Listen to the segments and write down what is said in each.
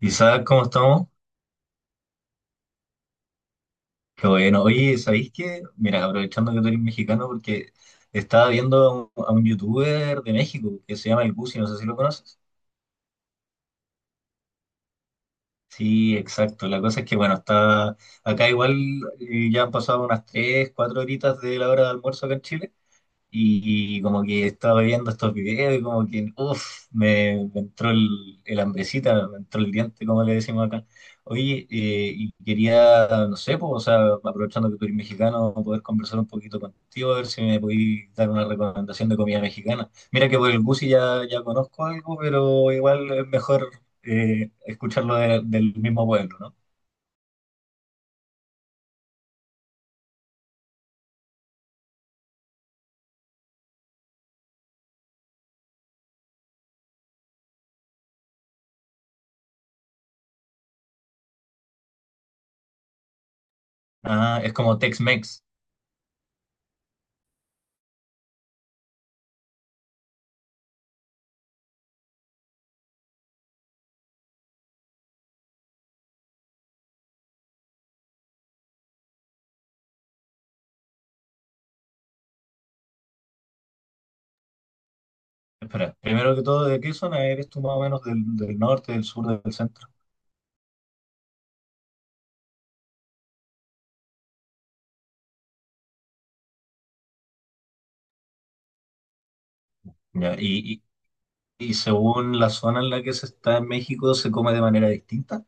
¿Y sabes cómo estamos? Qué bueno. Oye, ¿sabéis qué? Mira, aprovechando que tú eres mexicano, porque estaba viendo a un youtuber de México que se llama El Busi, no sé si lo conoces. Sí, exacto. La cosa es que, bueno, está acá igual, ya han pasado unas 3 4 horitas de la hora de almuerzo acá en Chile. Y como que estaba viendo estos videos y como que, uff, me entró el hambrecita, me entró el diente, como le decimos acá. Oye, y quería, no sé, pues, o sea, aprovechando que tú eres mexicano, poder conversar un poquito contigo, a ver si me podéis dar una recomendación de comida mexicana. Mira que por el Gusi ya, ya conozco algo, pero igual es mejor, escucharlo del mismo pueblo, ¿no? Ah, es como Tex-Mex. Espera, primero que todo, ¿de qué zona eres tú más o menos del norte, del sur, del centro? Ya, y según la zona en la que se está en México, ¿se come de manera distinta?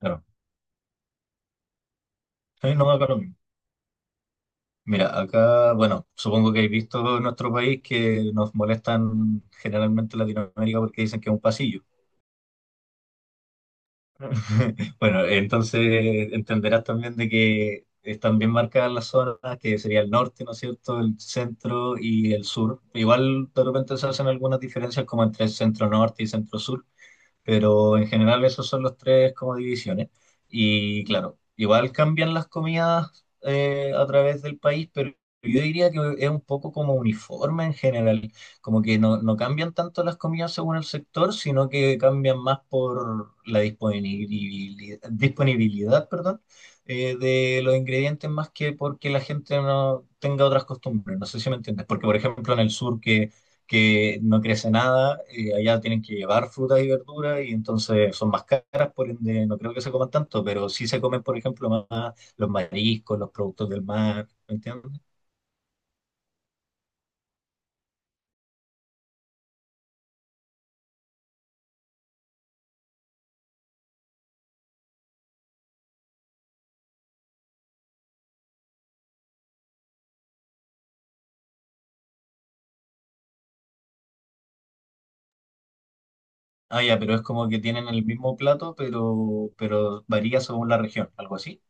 Claro. Sí, no, acá lo mismo. Mira, acá, bueno, supongo que habéis visto en nuestro país que nos molestan generalmente en Latinoamérica porque dicen que es un pasillo. Bueno, entonces entenderás también de que están bien marcadas las zonas, que sería el norte, ¿no es cierto?, el centro y el sur. Igual de repente se hacen algunas diferencias como entre centro-norte y centro-sur, pero en general esos son los tres como divisiones. Y claro, igual cambian las comidas, a través del país, pero yo diría que es un poco como uniforme en general, como que no cambian tanto las comidas según el sector, sino que cambian más por la disponibilidad, disponibilidad, perdón, de los ingredientes más que porque la gente no tenga otras costumbres. No sé si me entiendes, porque por ejemplo en el sur que no crece nada, allá tienen que llevar frutas y verduras y entonces son más caras, por ende no creo que se coman tanto, pero sí se comen, por ejemplo, más los mariscos, los productos del mar, ¿me entiendes? Ah, ya, pero es como que tienen el mismo plato, pero varía según la región, algo así.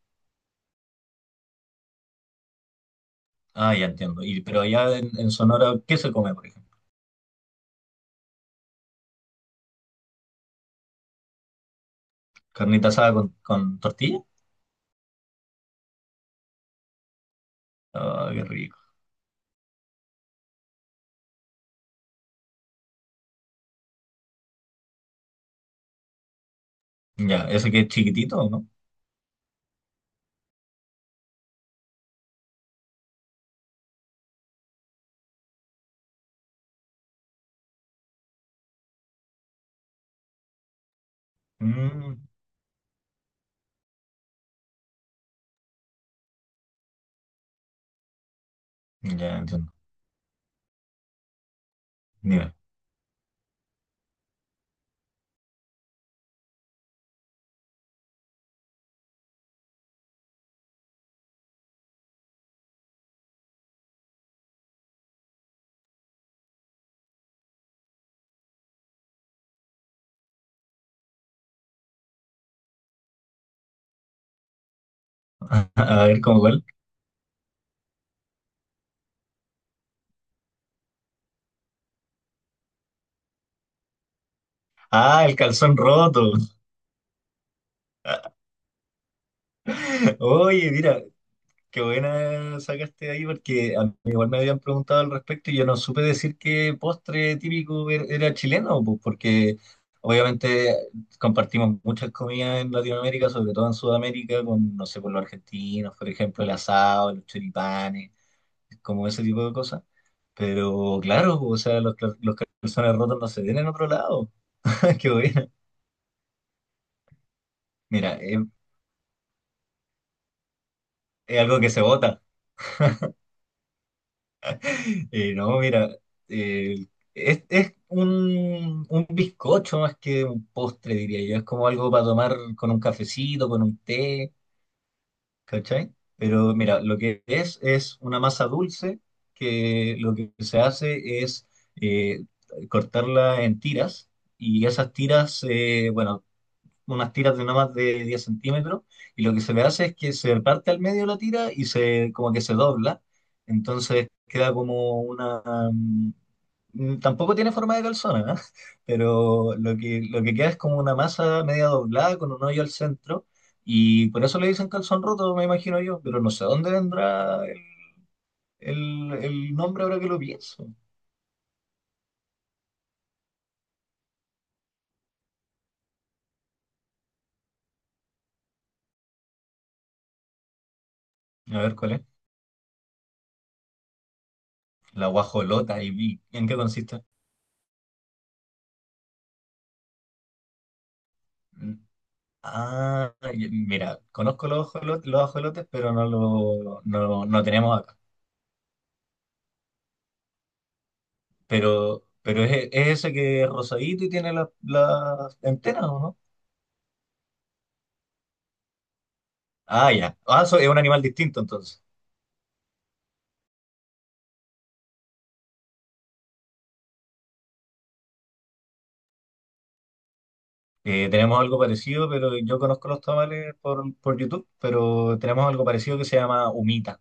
Ah, ya entiendo. Y, pero allá en Sonora, ¿qué se come, por ejemplo? ¿Carnita asada con tortilla? Ah, qué rico. Ya, ese que es chiquitito, ¿no? Mm, ya entiendo. Mira, a ver cómo cuál. Ah, el calzón roto. Oye, mira, qué buena sacaste ahí porque a mí igual me habían preguntado al respecto y yo no supe decir qué postre típico era chileno, pues, porque obviamente compartimos muchas comidas en Latinoamérica, sobre todo en Sudamérica, con, no sé, con los argentinos, por ejemplo, el asado, los choripanes, como ese tipo de cosas. Pero claro, o sea, los calzones rotos no se ven en otro lado. Qué bueno. Mira, es algo que se vota. No, mira, eh, es un bizcocho más que un postre, diría yo. Es como algo para tomar con un cafecito, con un té, ¿cachai? Pero mira, lo que es una masa dulce que lo que se hace es, eh, cortarla en tiras y esas tiras, bueno, unas tiras de no más de 10 centímetros, y lo que se le hace es que se parte al medio la tira y se como que se dobla, entonces queda como una, mm, tampoco tiene forma de calzona, ¿eh? Pero lo que queda es como una masa media doblada con un hoyo al centro, y por eso le dicen calzón roto, me imagino yo, pero no sé dónde vendrá el, el nombre ahora que lo pienso. A ver cuál es. La guajolota y vi. ¿En qué consiste? Ah, y mira, conozco los ajolotes, pero no lo no, lo no tenemos acá. Pero es ese que es rosadito y tiene las antenas, ¿o no? Ah, ya. Ah, es un animal distinto entonces. Tenemos algo parecido, pero yo conozco los tamales por YouTube, pero tenemos algo parecido que se llama humita.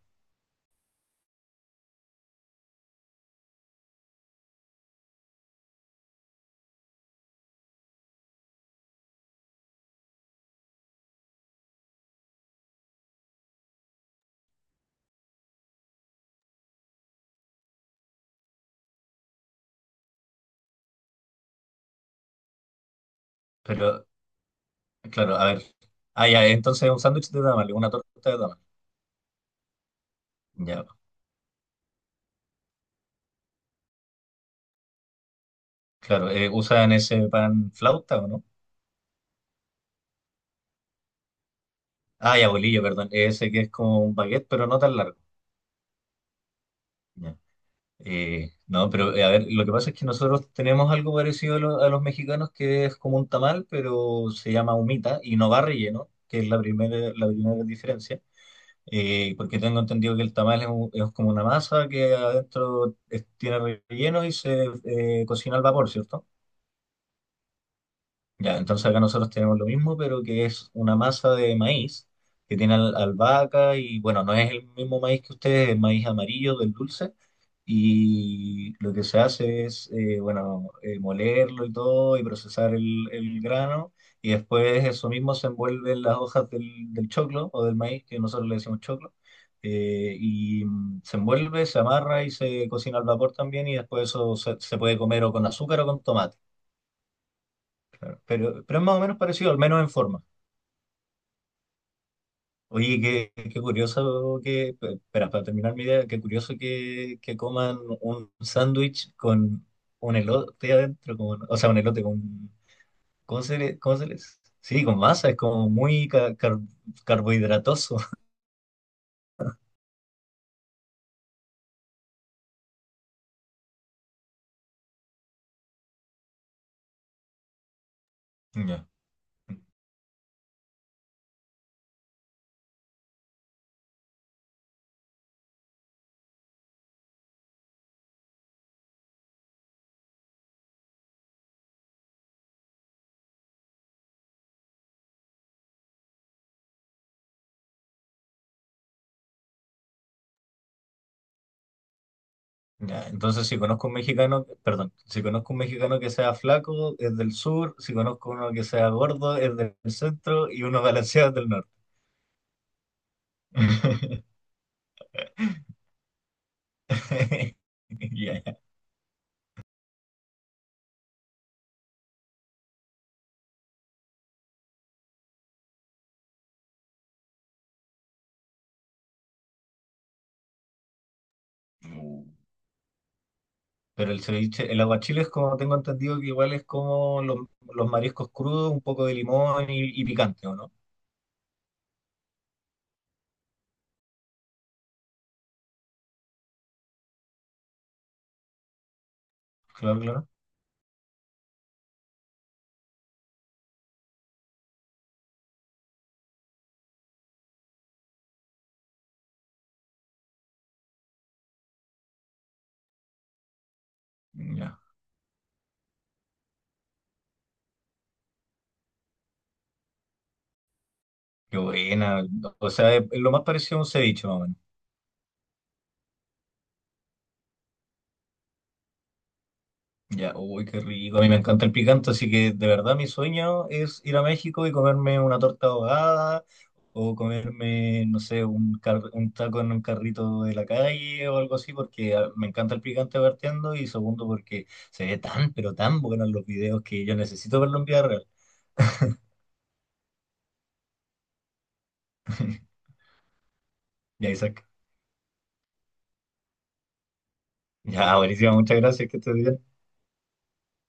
Pero, claro, a ver. Ah, ya, entonces es un sándwich de tamales, una torta de tamales. Ya, claro. ¿Usan ese pan flauta o no? Ah, ya, bolillo, perdón. Ese que es como un baguette, pero no tan largo. Ya. No, pero, a ver, lo que pasa es que nosotros tenemos algo parecido a los mexicanos, que es como un tamal, pero se llama humita y no va relleno, que es la primera diferencia. Porque tengo entendido que el tamal es como una masa que adentro tiene relleno y se, cocina al vapor, ¿cierto? Ya, entonces acá nosotros tenemos lo mismo, pero que es una masa de maíz que tiene albahaca y bueno, no es el mismo maíz que ustedes, es maíz amarillo del dulce. Y lo que se hace es, bueno, molerlo y todo y procesar el grano. Y después eso mismo se envuelve en las hojas del choclo o del maíz, que nosotros le decimos choclo. Y, se envuelve, se amarra y se cocina al vapor también. Y después eso se puede comer o con azúcar o con tomate. Pero es más o menos parecido, al menos en forma. Oye, qué curioso que, espera, para terminar mi idea, qué curioso que coman un sándwich con un elote adentro, con, o sea, un elote con, ¿cómo se les? Sí, con masa, es como muy carbohidratoso. Ya. Ya, entonces si conozco un mexicano, perdón, si conozco un mexicano que sea flaco, es del sur, si conozco uno que sea gordo, es del centro y uno balanceado es del norte. Ya, ya. Pero el ceviche, el aguachile es como tengo entendido que igual es como los mariscos crudos, un poco de limón y picante, ¿o no? Claro, claro. Ya. Qué buena. O sea, es lo más parecido a un ceviche, más o menos. Ya, uy, qué rico. A mí me encanta el picante, así que de verdad mi sueño es ir a México y comerme una torta ahogada o comerme, no sé, un taco en un carrito de la calle o algo así, porque ah, me encanta el picante partiendo y segundo porque se ve tan, pero tan bueno en los videos que yo necesito verlo en vida real. Ya, Isaac. Ya, buenísimo. Muchas gracias. Que estés bien.